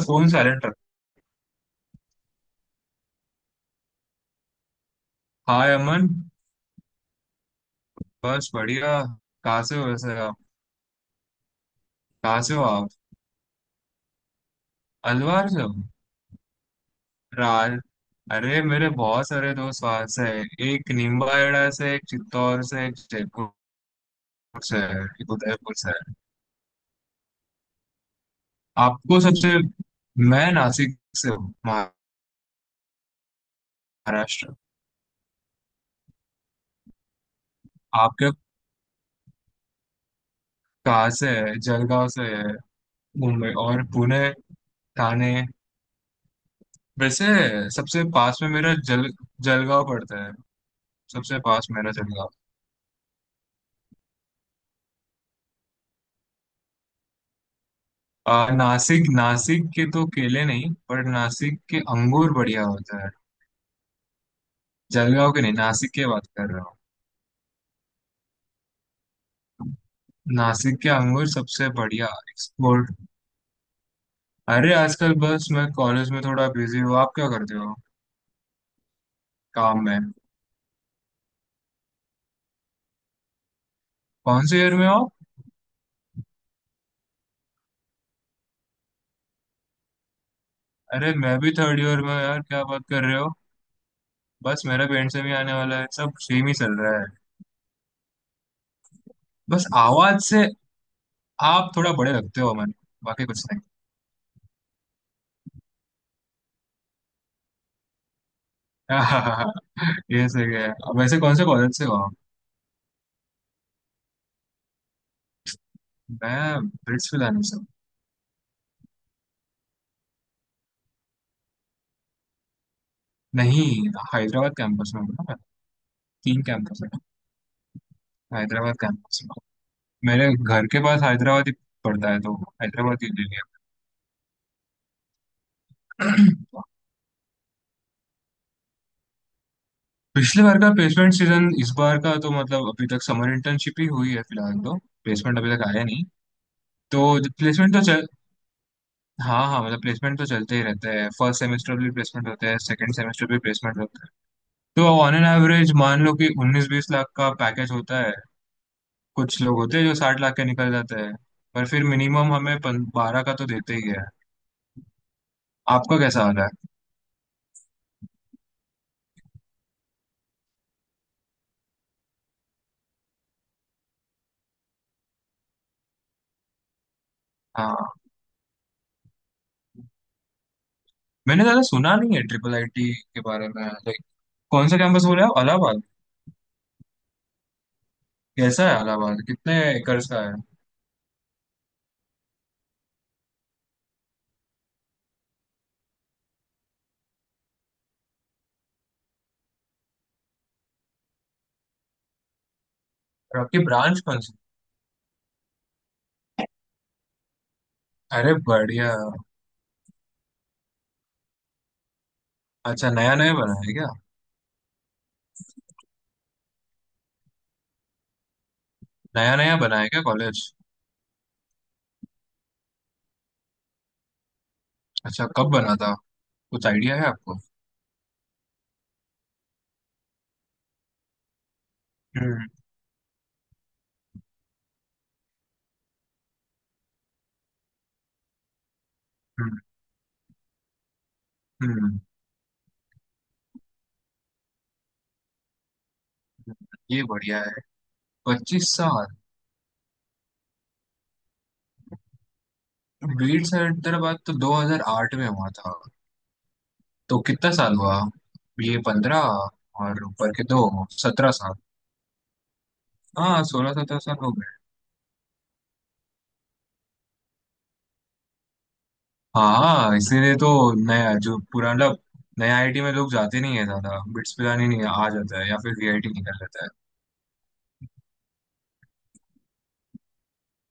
Phone silent रख। हाय अमन। बस बढ़िया। कहाँ से हो वैसे आप? कहाँ से हो आप? अलवार से हो? राल। अरे मेरे बहुत सारे दोस्त वहां से हैं। एक नीमबाड़ा से, एक चित्तौड़ से, एक जयपुर से है, एक उदयपुर से है। आपको सबसे मैं नासिक से हूँ। महाराष्ट्र। आपके कहाँ से है? जलगांव से है? मुंबई और पुणे, ठाणे। वैसे सबसे पास में मेरा जल जलगांव पड़ता है। सबसे पास मेरा जलगांव। नासिक नासिक के तो केले नहीं, पर नासिक के अंगूर बढ़िया होता है। जलगांव के नहीं, नासिक के बात कर रहा हूँ। नासिक के अंगूर सबसे बढ़िया एक्सपोर्ट। अरे आजकल बस मैं कॉलेज में थोड़ा बिजी हूँ। आप क्या करते हो? काम में? कौन से ईयर में हो? अरे मैं भी थर्ड ईयर में हूँ यार, क्या बात कर रहे हो। बस मेरा पेरेंट से भी आने वाला है, सब सेम ही चल रहा है। बस आवाज से आप थोड़ा बड़े लगते हो मन, बाकी कुछ नहीं। ये सही है। वैसे कौन से कॉलेज से हो आप? मैं ब्रिट्सविल। नहीं, हैदराबाद कैंपस में हूँ ना मैं। तीन कैंपस है। हैदराबाद कैंपस में, मेरे घर के पास हैदराबाद ही पड़ता है, तो हैदराबाद ही ले लिया। पिछले बार का प्लेसमेंट सीजन, इस बार का तो मतलब अभी तक समर इंटर्नशिप ही हुई है फिलहाल तो। प्लेसमेंट अभी तक आया नहीं तो। प्लेसमेंट तो चल, हाँ हाँ, मतलब प्लेसमेंट तो चलते ही रहते हैं। फर्स्ट सेमेस्टर भी प्लेसमेंट होते हैं, सेकंड सेमेस्टर भी प्लेसमेंट होते हैं। तो ऑन एन एवरेज मान लो कि 19-20 लाख का पैकेज होता है। कुछ लोग होते हैं जो 60 लाख के निकल जाते हैं। पर फिर मिनिमम हमें 12 का तो देते ही है। आपका कैसा हाल है? हाँ मैंने ज्यादा सुना नहीं है ट्रिपल आईटी के बारे में। लाइक कौन सा कैंपस बोले आप? इलाहाबाद? कैसा है इलाहाबाद? कितने एकर्स का है? और आपकी ब्रांच कौन सी? अरे बढ़िया। अच्छा नया नया बना है क्या? नया नया बना है क्या कॉलेज? अच्छा कब बना था? कुछ आइडिया है आपको? हम्म हम्म हम्म हम्म, ये बढ़िया है। 25 साल। बीट्स हैदराबाद तो 2008 में हुआ था। तो कितना साल हुआ? ये 15 और ऊपर के दो, 17 साल। हाँ 16-17 साल हो गए। हाँ इसीलिए तो। नया जो पुराना मतलब, नया आईटी में लोग जाते नहीं है ज्यादा, बिट्स पिलानी नहीं आ जाता है या फिर वीआईटी निकल जाता है।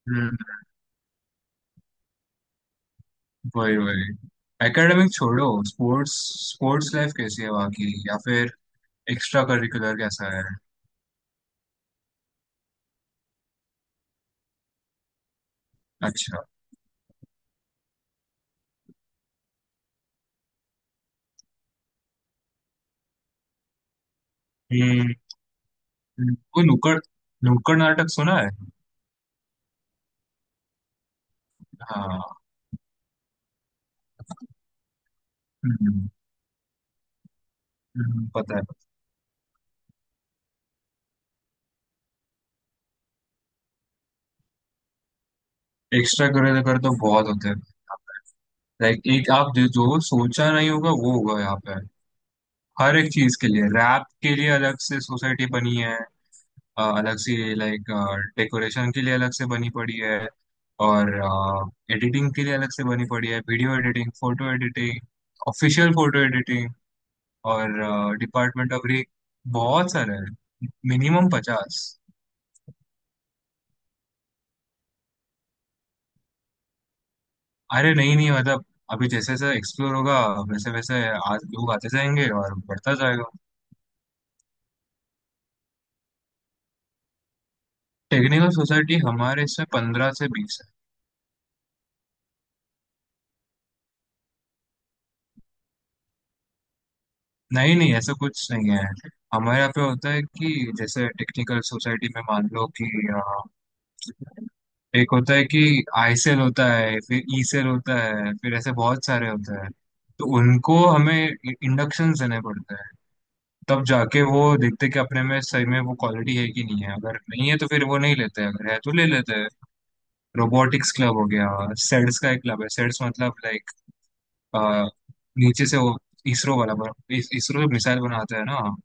हम्म। वही वही। एकेडमिक छोड़ो, स्पोर्ट्स, स्पोर्ट्स लाइफ कैसी है वहाँ की? या फिर एक्स्ट्रा करिकुलर कैसा है? अच्छा। हम्म वो नुक्कड़, नुक्कड़ नाटक सुना है। हाँ। हम्म, पता है। एक्स्ट्रा करिकुलर तो बहुत होते हैं। लाइक एक आप जो जो सोचा नहीं होगा वो होगा यहाँ पे। हर एक चीज के लिए, रैप के लिए अलग से सोसाइटी बनी है। अलग से, लाइक डेकोरेशन के लिए अलग से बनी पड़ी है, और एडिटिंग के लिए अलग से बनी पड़ी है, video editing, photo editing, official photo editing, और डिपार्टमेंट ऑफ रेक। बहुत सारे हैं, मिनिमम 50। अरे नहीं नहीं, मतलब अभी जैसे जैसे एक्सप्लोर होगा, वैसे वैसे आज लोग आते जाएंगे और बढ़ता जाएगा। टेक्निकल सोसाइटी हमारे इसमें 15 से 20 है। नहीं नहीं ऐसा कुछ नहीं है। हमारे यहाँ पे होता है कि जैसे टेक्निकल सोसाइटी में मान लो कि अ, एक होता है कि आई सेल होता है, फिर ई सेल होता है, फिर ऐसे बहुत सारे होते हैं। तो उनको हमें इंडक्शन देने पड़ते हैं, तब जाके वो देखते हैं कि अपने में सही में वो क्वालिटी है कि नहीं है। अगर नहीं है तो फिर वो नहीं लेते हैं, अगर है तो ले लेते हैं। रोबोटिक्स क्लब हो गया, सेड्स का एक क्लब है। सेड्स मतलब लाइक, आ, नीचे से वो इसरो वाला बन, इस, इसरो जो मिसाइल बनाता है ना,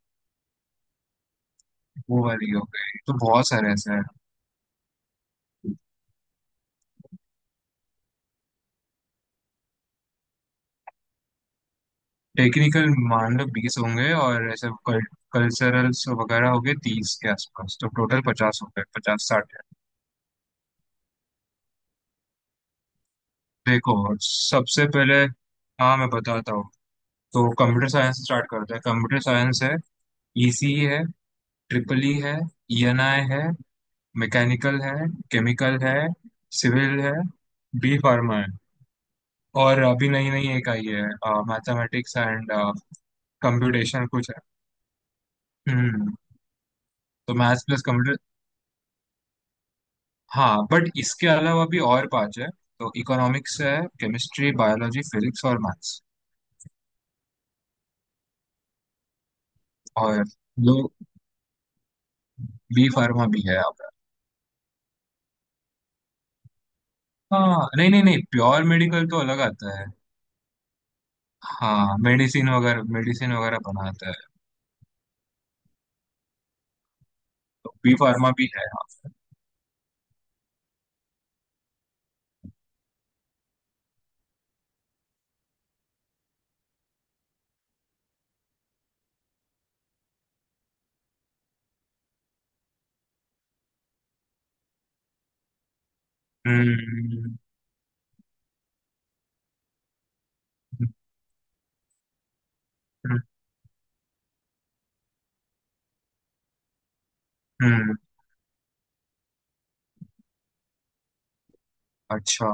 वो वाली हो गई। तो बहुत सारे ऐसे हैं। टेक्निकल मान लो 20 होंगे, और ऐसे कल्चरल्स वगैरह हो गए 30 के आसपास, तो टोटल 50 हो गए, 50-60 है। देखो, सबसे पहले, हाँ मैं बताता हूँ। तो कंप्यूटर साइंस से स्टार्ट करते हैं। कंप्यूटर साइंस है, ईसी है, ट्रिपल ई है, ईएनआई है, मैकेनिकल है, केमिकल है, सिविल है, बी फार्मा है, और अभी नई नई एक आई है, मैथमेटिक्स एंड कंप्यूटेशन कुछ है। हम्म। तो मैथ्स प्लस कंप्यूटर। हाँ बट इसके अलावा भी और पांच है। तो इकोनॉमिक्स है, केमिस्ट्री, बायोलॉजी, फिजिक्स और मैथ्स और, लो, बी फार्मा भी है आपका? हाँ, नहीं नहीं नहीं प्योर मेडिकल तो अलग आता है। हाँ, मेडिसिन वगैरह बनाता है। तो बी फार्मा भी है हाँ। हम्म हम्म हम्म, अच्छा।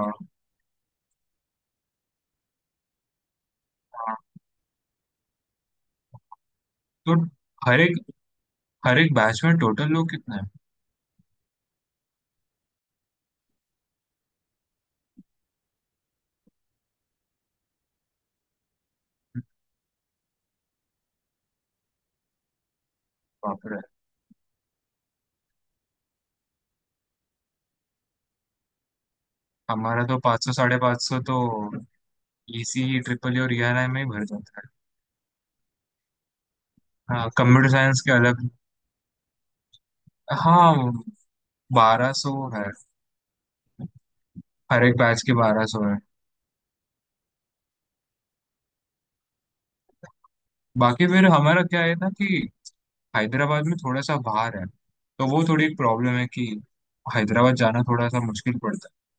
हाँ तो हर एक हर एक बैच में टोटल लोग कितने हैं? बाप रे। हमारा तो 500 साढ़े 500 तो इसी, ट्रिपल ई और ERI में ही भर जाता है। हाँ कंप्यूटर साइंस के अलग, हाँ 1200 है। हर एक बैच के 1200 है। बाकी फिर हमारा क्या है ना कि हैदराबाद में थोड़ा सा बाहर है, तो वो थोड़ी एक प्रॉब्लम है कि हैदराबाद जाना थोड़ा सा मुश्किल पड़ता है।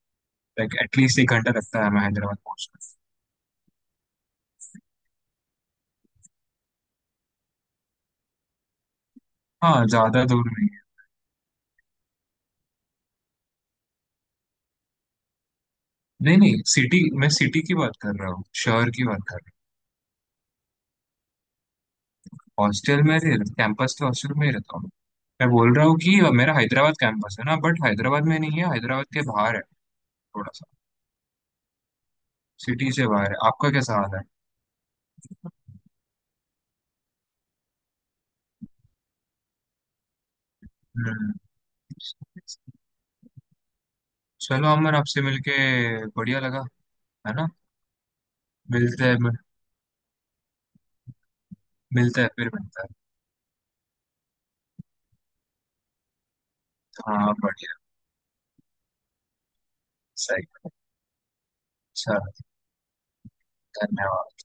लाइक एटलीस्ट एक घंटा लगता है हमें हैदराबाद पहुंचना। हाँ ज्यादा दूर नहीं है। नहीं नहीं, सिटी, मैं सिटी की बात कर रहा हूँ, शहर की बात कर रहा हूँ। हॉस्टल में रह, कैंपस के हॉस्टल में ही रहता हूँ। मैं बोल रहा हूँ कि मेरा हैदराबाद कैंपस है ना, बट हैदराबाद में नहीं है, हैदराबाद के बाहर है थोड़ा सा। सिटी से बाहर है। आपका कैसा हाल है? हम्म। चलो अमर, आपसे मिलके बढ़िया लगा, है ना। मिलते हैं, मिलते हैं, फिर मिलते हैं। हाँ बढ़िया। सही। अच्छा। धन्यवाद।